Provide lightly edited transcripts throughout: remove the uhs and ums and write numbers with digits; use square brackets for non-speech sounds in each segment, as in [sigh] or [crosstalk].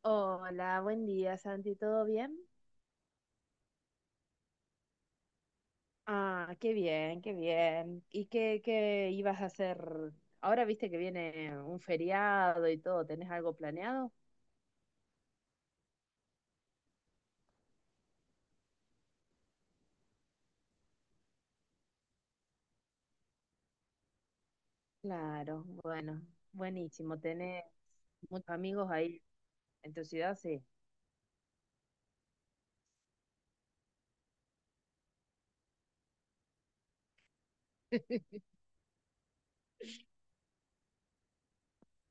Hola, buen día, Santi, ¿todo bien? Ah, qué bien, qué bien. ¿Y qué ibas a hacer? Ahora viste que viene un feriado y todo, ¿tenés algo planeado? Claro, bueno, buenísimo. ¿Tenés muchos amigos ahí en tu ciudad? Sí,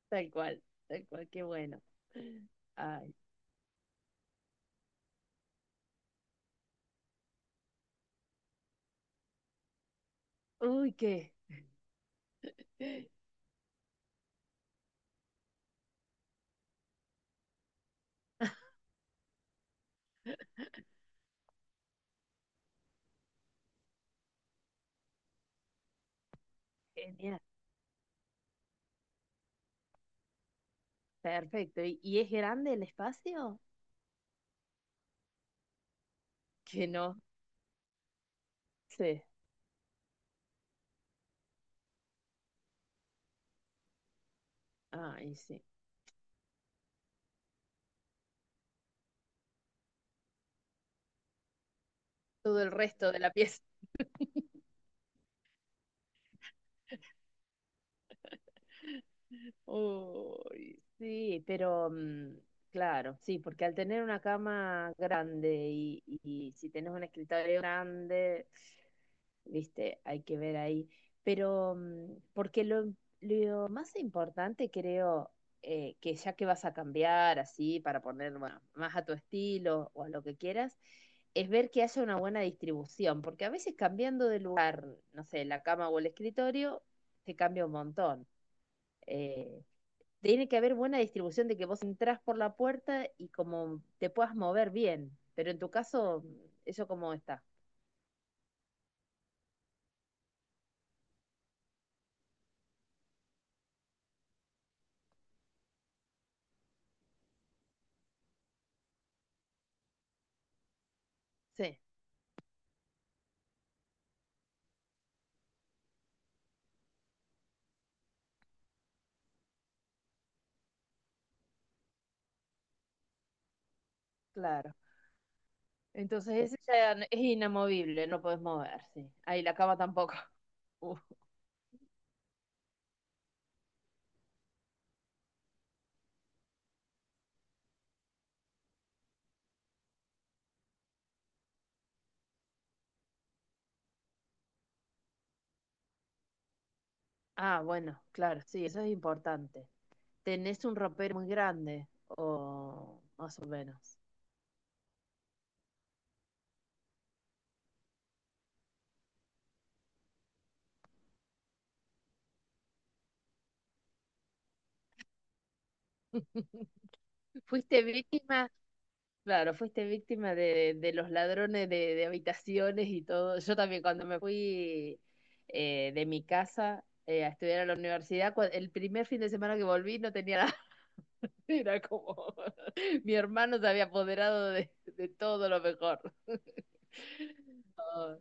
tal cual, tal cual, qué bueno. Ay, uy, qué [laughs] genial, perfecto. Y es grande el espacio? Que no, sí, ay, sí. Todo el resto de la pieza. Uy, sí, pero claro, sí, porque al tener una cama grande y si tenés un escritorio grande, viste, hay que ver ahí. Pero porque lo más importante creo que ya que vas a cambiar así para poner bueno, más a tu estilo o a lo que quieras, es ver que haya una buena distribución, porque a veces cambiando de lugar, no sé, la cama o el escritorio, te cambia un montón. Eh, tiene que haber buena distribución de que vos entras por la puerta y como te puedas mover bien, pero en tu caso, eso como está. Sí, claro. Entonces ese ya es inamovible, no podés mover, sí. Ahí la cama tampoco. [laughs] Uf. Ah, bueno, claro, sí, eso es importante. ¿Tenés un ropero muy grande o más o menos? [laughs] ¿Fuiste víctima? Claro, fuiste víctima de los ladrones de habitaciones y todo. Yo también cuando me fui de mi casa a estudiar a la universidad, el primer fin de semana que volví no tenía nada. [laughs] Era como [laughs] mi hermano se había apoderado de todo lo mejor. [laughs] Oh,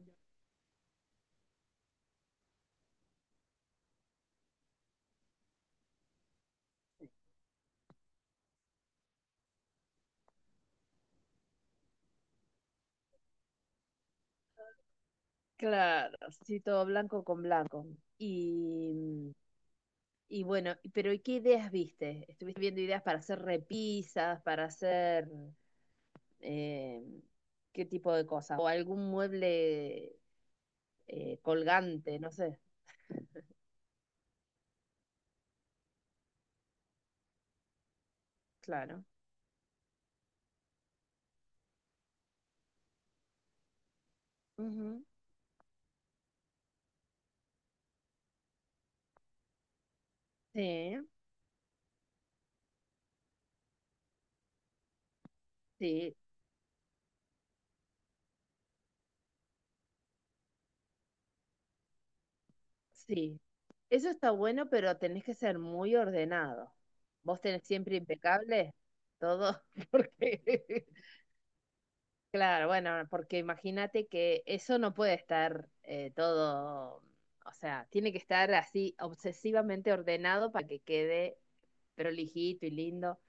claro, sí, todo blanco con blanco. Y, y bueno, pero ¿y qué ideas viste? ¿Estuviste viendo ideas para hacer repisas, para hacer eh, qué tipo de cosas? ¿O algún mueble colgante? No sé, claro. Ujú. Sí, sí, sí. Eso está bueno, pero tenés que ser muy ordenado. Vos tenés siempre impecable todo, [laughs] porque claro, bueno, porque imagínate que eso no puede estar todo, o sea, tiene que estar así obsesivamente ordenado para que quede prolijito y lindo.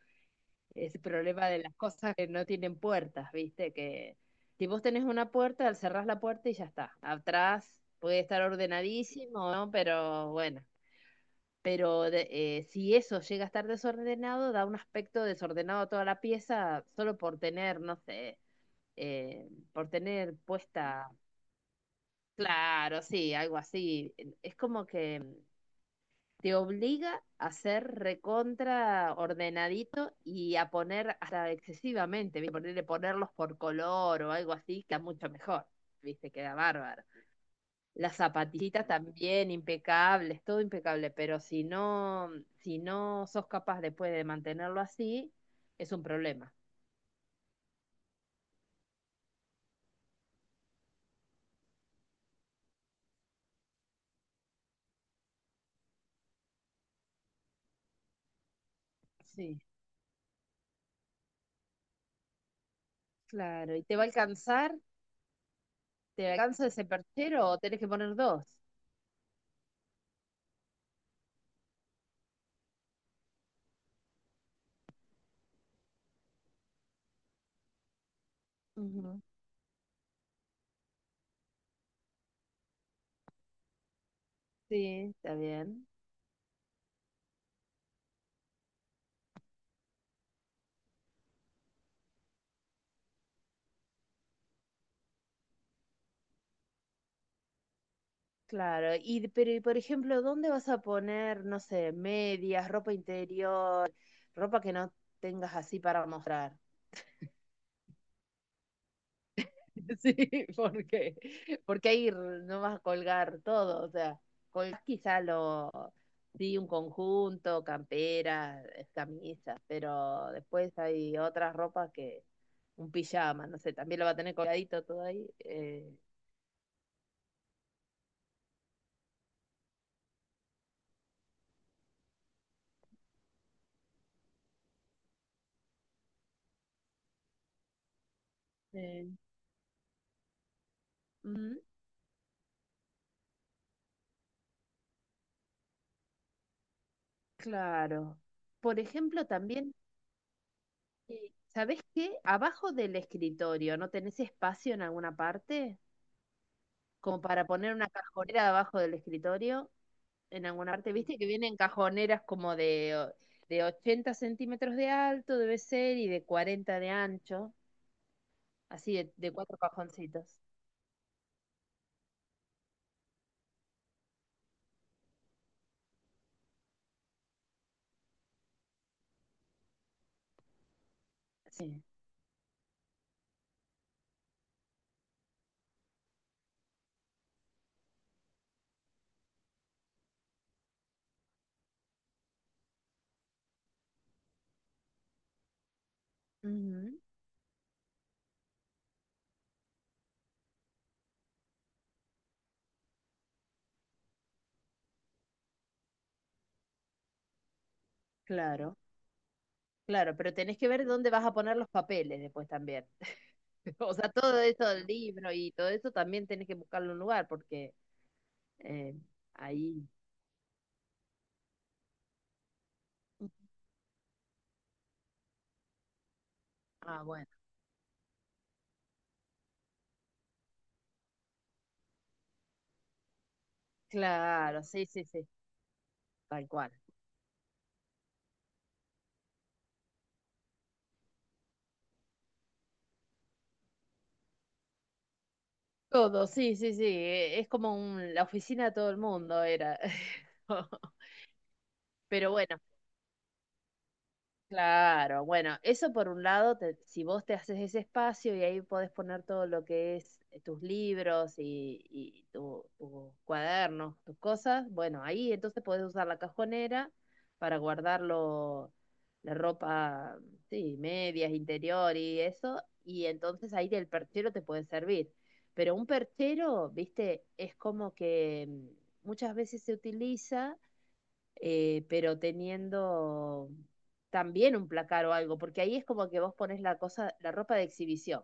Es el problema de las cosas que no tienen puertas, ¿viste? Que si vos tenés una puerta, al cerrás la puerta y ya está. Atrás puede estar ordenadísimo, ¿no? Pero bueno, pero si eso llega a estar desordenado, da un aspecto desordenado a toda la pieza solo por tener, no sé por tener puesta, claro, sí, algo así. Es como que te obliga a ser recontra ordenadito y a poner hasta excesivamente, ¿viste? Ponerle, ponerlos por color o algo así, queda mucho mejor, viste, queda bárbaro. Las zapatillitas también impecables, todo impecable, pero si no, si no sos capaz después de mantenerlo así, es un problema. Sí, claro, y te va a alcanzar. ¿Te alcanza ese perchero o tenés que poner dos? Ujú. Sí, está bien. Claro, y pero y por ejemplo, ¿dónde vas a poner, no sé, medias, ropa interior, ropa que no tengas así para mostrar? [laughs] Sí, porque porque ahí no vas a colgar todo, o sea, colgás quizá lo sí un conjunto, camperas, camisas, pero después hay otras ropas que un pijama, no sé, también lo va a tener colgadito todo ahí. Sí. Ujú, claro. Por ejemplo, también, ¿sabés qué? Abajo del escritorio, ¿no tenés espacio en alguna parte? Como para poner una cajonera abajo del escritorio, en alguna parte, viste que vienen cajoneras como de, de 80 centímetros de alto, debe ser, y de 40 de ancho, así de cuatro cajoncitos. Sí. Ujú, claro. Claro, pero tenés que ver dónde vas a poner los papeles después también. [laughs] O sea, todo eso del libro y todo eso también tenés que buscarle un lugar porque eh, ahí... Ah, bueno. Claro, sí, sí, sí, tal cual. Todo, sí, sí, sí. Es como la oficina de todo el mundo era. [laughs] Pero bueno. Claro, bueno, eso por un lado, te- si vos te haces ese espacio y ahí podés poner todo lo que es tus libros y tus cuadernos, tus cosas, bueno, ahí entonces podés usar la cajonera para guardarlo, la ropa, sí, medias, interior y eso, y entonces ahí el perchero te puede servir. Pero un perchero, viste, es como que muchas veces se utiliza pero teniendo también un placar o algo, porque ahí es como que vos pones la cosa, la ropa de exhibición.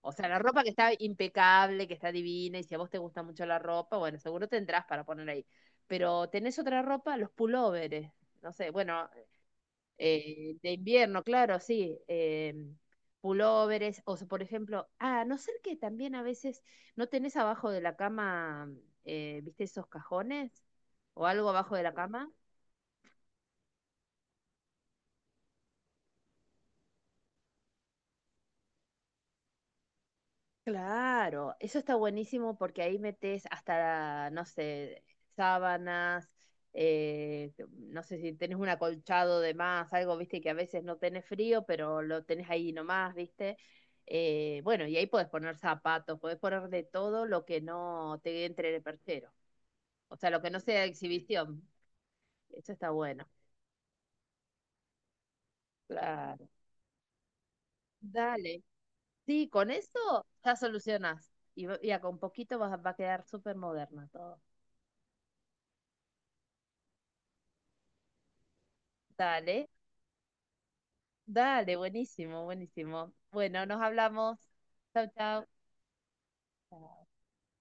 O sea, la ropa que está impecable, que está divina, y si a vos te gusta mucho la ropa, bueno, seguro tendrás para poner ahí. Pero tenés otra ropa, los pulóveres, no sé, bueno, de invierno, claro, sí, pulóveres, o sea, por ejemplo, ah, a no ser que también a veces no tenés abajo de la cama, viste, esos cajones, o algo abajo de la cama. Claro, eso está buenísimo porque ahí metes hasta, no sé, sábanas, no sé si tenés un acolchado de más, algo, viste, que a veces no tenés frío, pero lo tenés ahí nomás, viste. Bueno, y ahí podés poner zapatos, podés poner de todo lo que no te entre en el perchero, o sea, lo que no sea exhibición. Eso está bueno, claro. Dale, sí, con eso ya solucionás y, y con poquito va, va a quedar súper moderna todo. Dale. Dale, buenísimo, buenísimo. Bueno, nos hablamos. Chao, chao.